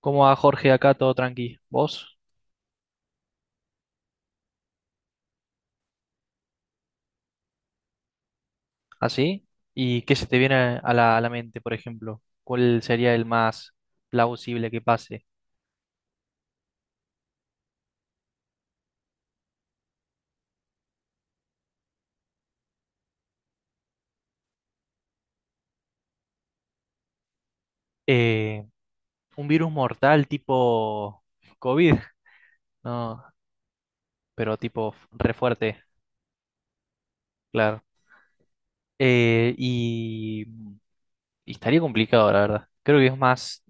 ¿Cómo va, Jorge? Acá todo tranqui, ¿vos? ¿Así? ¿Y qué se te viene a la mente, por ejemplo? ¿Cuál sería el más plausible que pase? Eh, un virus mortal tipo COVID, no, pero tipo re fuerte, claro. Eh, y, y estaría complicado, la verdad. Creo que es más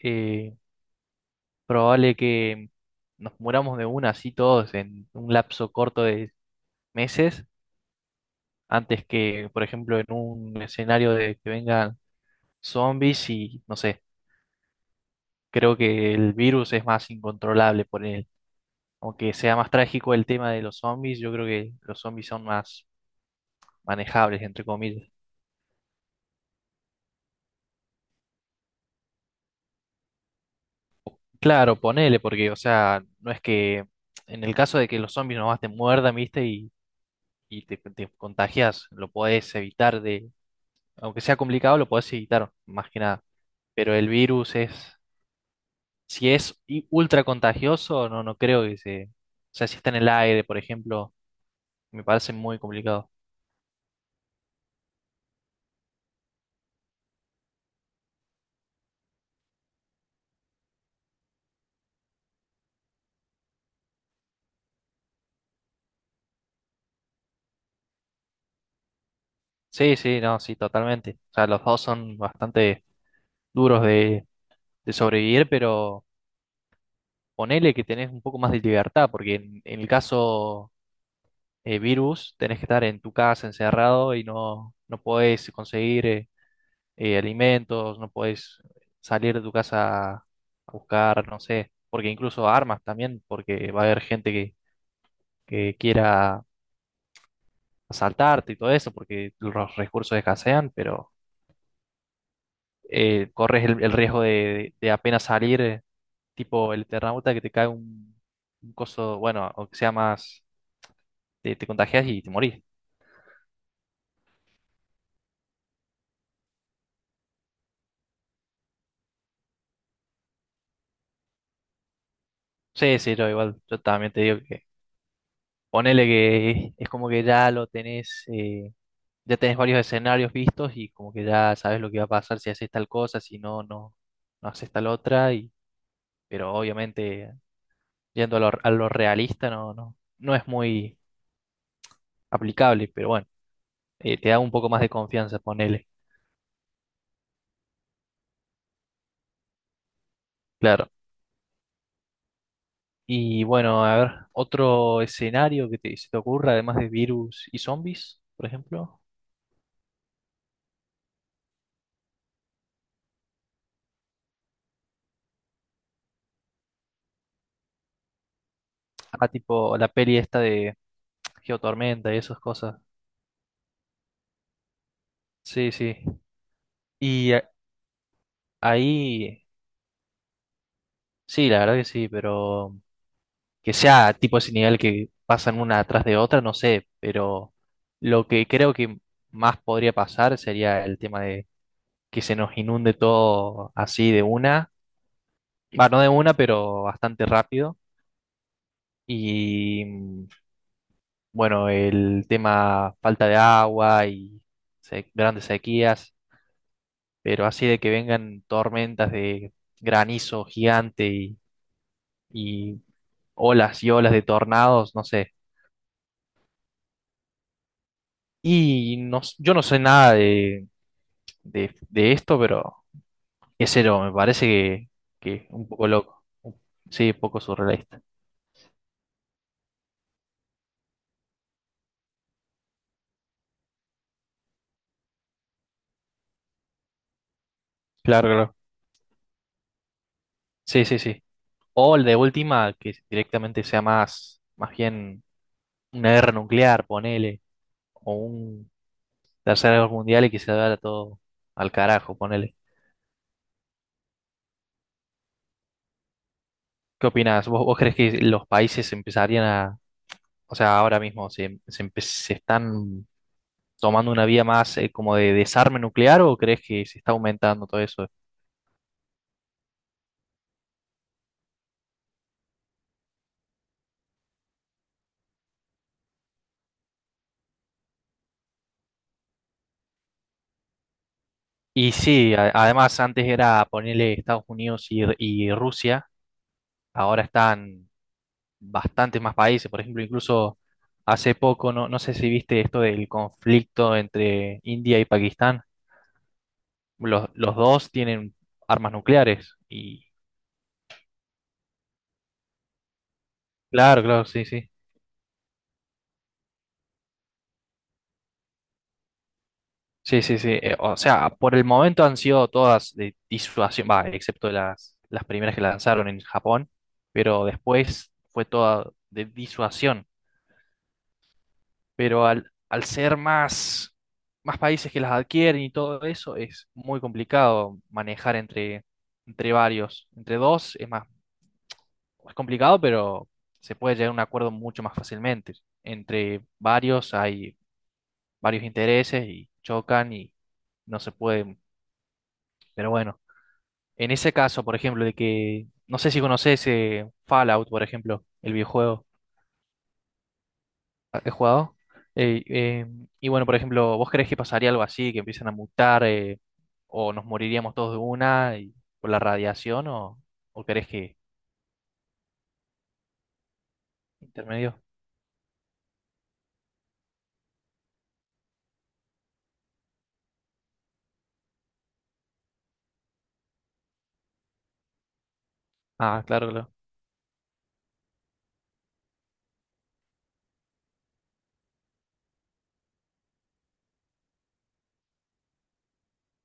eh, probable que nos muramos de una así todos en un lapso corto de meses, antes que, por ejemplo, en un escenario de que vengan zombies, y no sé, creo que el virus es más incontrolable por él. Aunque sea más trágico el tema de los zombies, yo creo que los zombies son más manejables, entre comillas. Claro, ponele, porque, o sea, no es que en el caso de que los zombies nomás te muerdan, viste, y, y te contagias, lo podés evitar, de, aunque sea complicado, lo podés evitar, más que nada. Pero el virus es, si es ultra contagioso, no, no creo que, se, o sea, si está en el aire, por ejemplo, me parece muy complicado. Sí, sí, no, sí, totalmente. O sea, los dos son bastante duros de, sobrevivir, pero ponele que tenés un poco más de libertad, porque en el caso virus tenés que estar en tu casa encerrado y no, no podés conseguir alimentos, no podés salir de tu casa a buscar, no sé, porque incluso armas también, porque va a haber gente que, quiera asaltarte y todo eso, porque los recursos escasean, pero corres el, riesgo de apenas salir. Tipo el Eternauta, que te cae un, coso, bueno, o que sea más, te contagias y te morís. Sí, sí, yo igual, yo también te digo que ponele que es como que ya lo tenés. Ya tenés varios escenarios vistos y como que ya sabes lo que va a pasar si haces tal cosa, si no, no haces tal otra, y, pero obviamente yendo a lo realista, no, no es muy aplicable, pero bueno, te da un poco más de confianza, ponele. Claro. Y bueno, a ver, otro escenario que se te ocurra, además de virus y zombies, por ejemplo. Ah, tipo la peli esta de Geotormenta y esas cosas. Sí, sí. Y ahí, sí, la verdad que sí, pero que sea tipo ese nivel que pasan una atrás de otra, no sé, pero lo que creo que más podría pasar sería el tema de que se nos inunde todo así de una, va, no de una, pero bastante rápido. Y bueno, el tema falta de agua y grandes sequías, pero así de que vengan tormentas de granizo gigante y, olas y olas de tornados, no sé. Y no, yo no sé nada de, esto, pero qué sé, me parece que un poco loco. Sí, poco surrealista. Claro, claro. Sí, sí, sí. O el de última, que directamente sea más, más bien una guerra nuclear, ponele, o un Tercera Guerra Mundial, y que se vaya todo al carajo, ponele. ¿Qué opinas? vos crees que los países empezarían o sea, ahora mismo se están tomando una vía más como de desarme nuclear, o crees que se está aumentando todo eso? Y sí, además antes era ponerle Estados Unidos y, Rusia, ahora están bastantes más países, por ejemplo, incluso hace poco, no, sé si viste esto del conflicto entre India y Pakistán, los dos tienen armas nucleares. Claro, claro, sí, sí. Sí, sí, sí. O sea, por el momento han sido todas de disuasión, va, excepto las, primeras que lanzaron en Japón, pero después fue toda de disuasión. Pero al, ser más países que las adquieren y todo eso, es muy complicado manejar entre varios. Entre dos es complicado, pero se puede llegar a un acuerdo mucho más fácilmente. Entre varios hay varios intereses y chocan y no se puede. Pero bueno, en ese caso, por ejemplo, de que, no sé si conoces Fallout, por ejemplo, el videojuego has jugado. Eh, eh, y bueno, por ejemplo, ¿vos creés que pasaría algo así, que empiezan a mutar o nos moriríamos todos de una, por la radiación, o, crees que intermedio? Ah, claro, claro.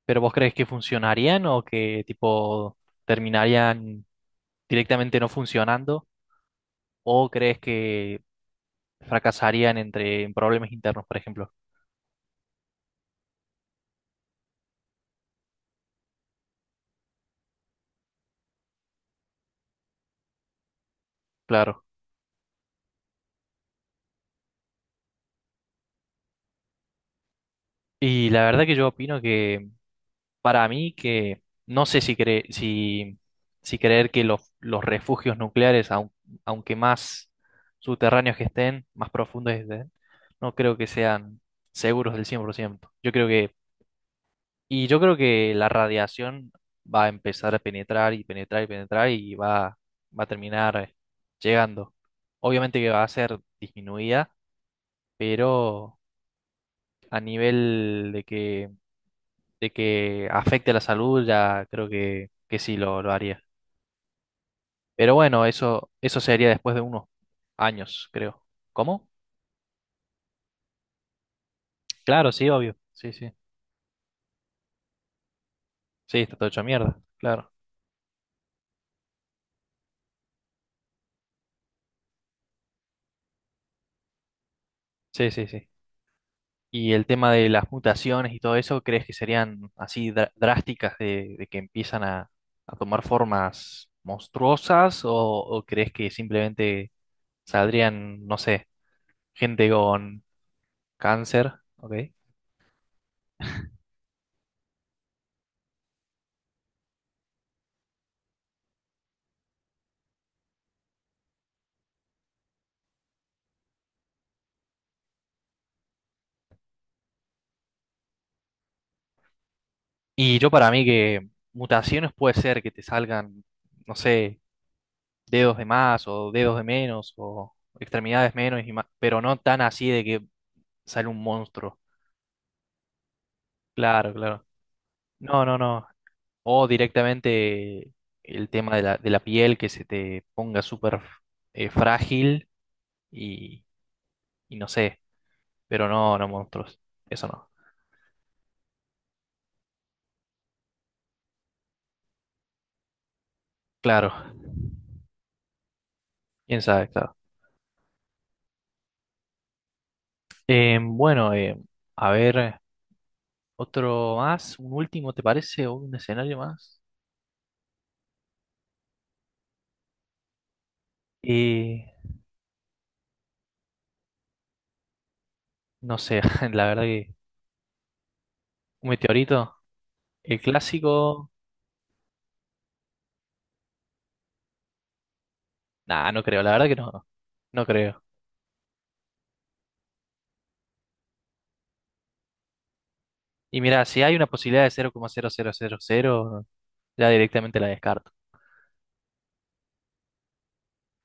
¿Pero vos crees que funcionarían, o que tipo terminarían directamente no funcionando, o crees que fracasarían entre en problemas internos, por ejemplo? Claro. Y la verdad que yo opino que, para mí que no sé si si creer que los, refugios nucleares, aunque más subterráneos que estén, más profundos que estén, no creo que sean seguros del 100%. Y yo creo que la radiación va a empezar a penetrar y penetrar y penetrar, y va, a terminar llegando. Obviamente que va a ser disminuida, pero a nivel de que afecte la salud, ya creo que, sí lo haría. Pero bueno, eso sería después de unos años, creo. ¿Cómo? Claro, sí, obvio. Sí, sí. Sí, está todo hecho mierda. Claro. Sí, sí, sí. Y el tema de las mutaciones y todo eso, ¿crees que serían así drásticas de, que empiezan a tomar formas monstruosas? o crees que simplemente saldrían, no sé, gente con cáncer? ¿Ok? Y yo para mí que mutaciones puede ser que te salgan, no sé, dedos de más o dedos de menos, o extremidades menos y más, pero no tan así de que sale un monstruo. Claro, claro. No, no, no. O directamente el tema de la piel, que se te ponga súper frágil y, y no sé, pero no, no monstruos. Eso no. Claro. Quién sabe, claro. Bueno, a ver. Otro más, un último, ¿te parece? ¿O un escenario más? Y no sé, la verdad que un meteorito, el clásico, nah, no creo, la verdad que no, no creo. Y mira, si hay una posibilidad de cero coma cero cero cero coma cero, ya directamente la descarto.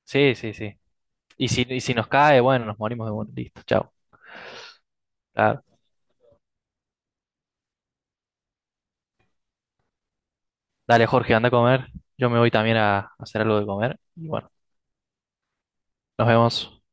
Sí, sí, sí. Y si nos cae, bueno, nos morimos, de bueno, listo, chao. Claro. Dale, Jorge, anda a comer. Yo me voy también a hacer algo de comer. Y bueno, nos vemos.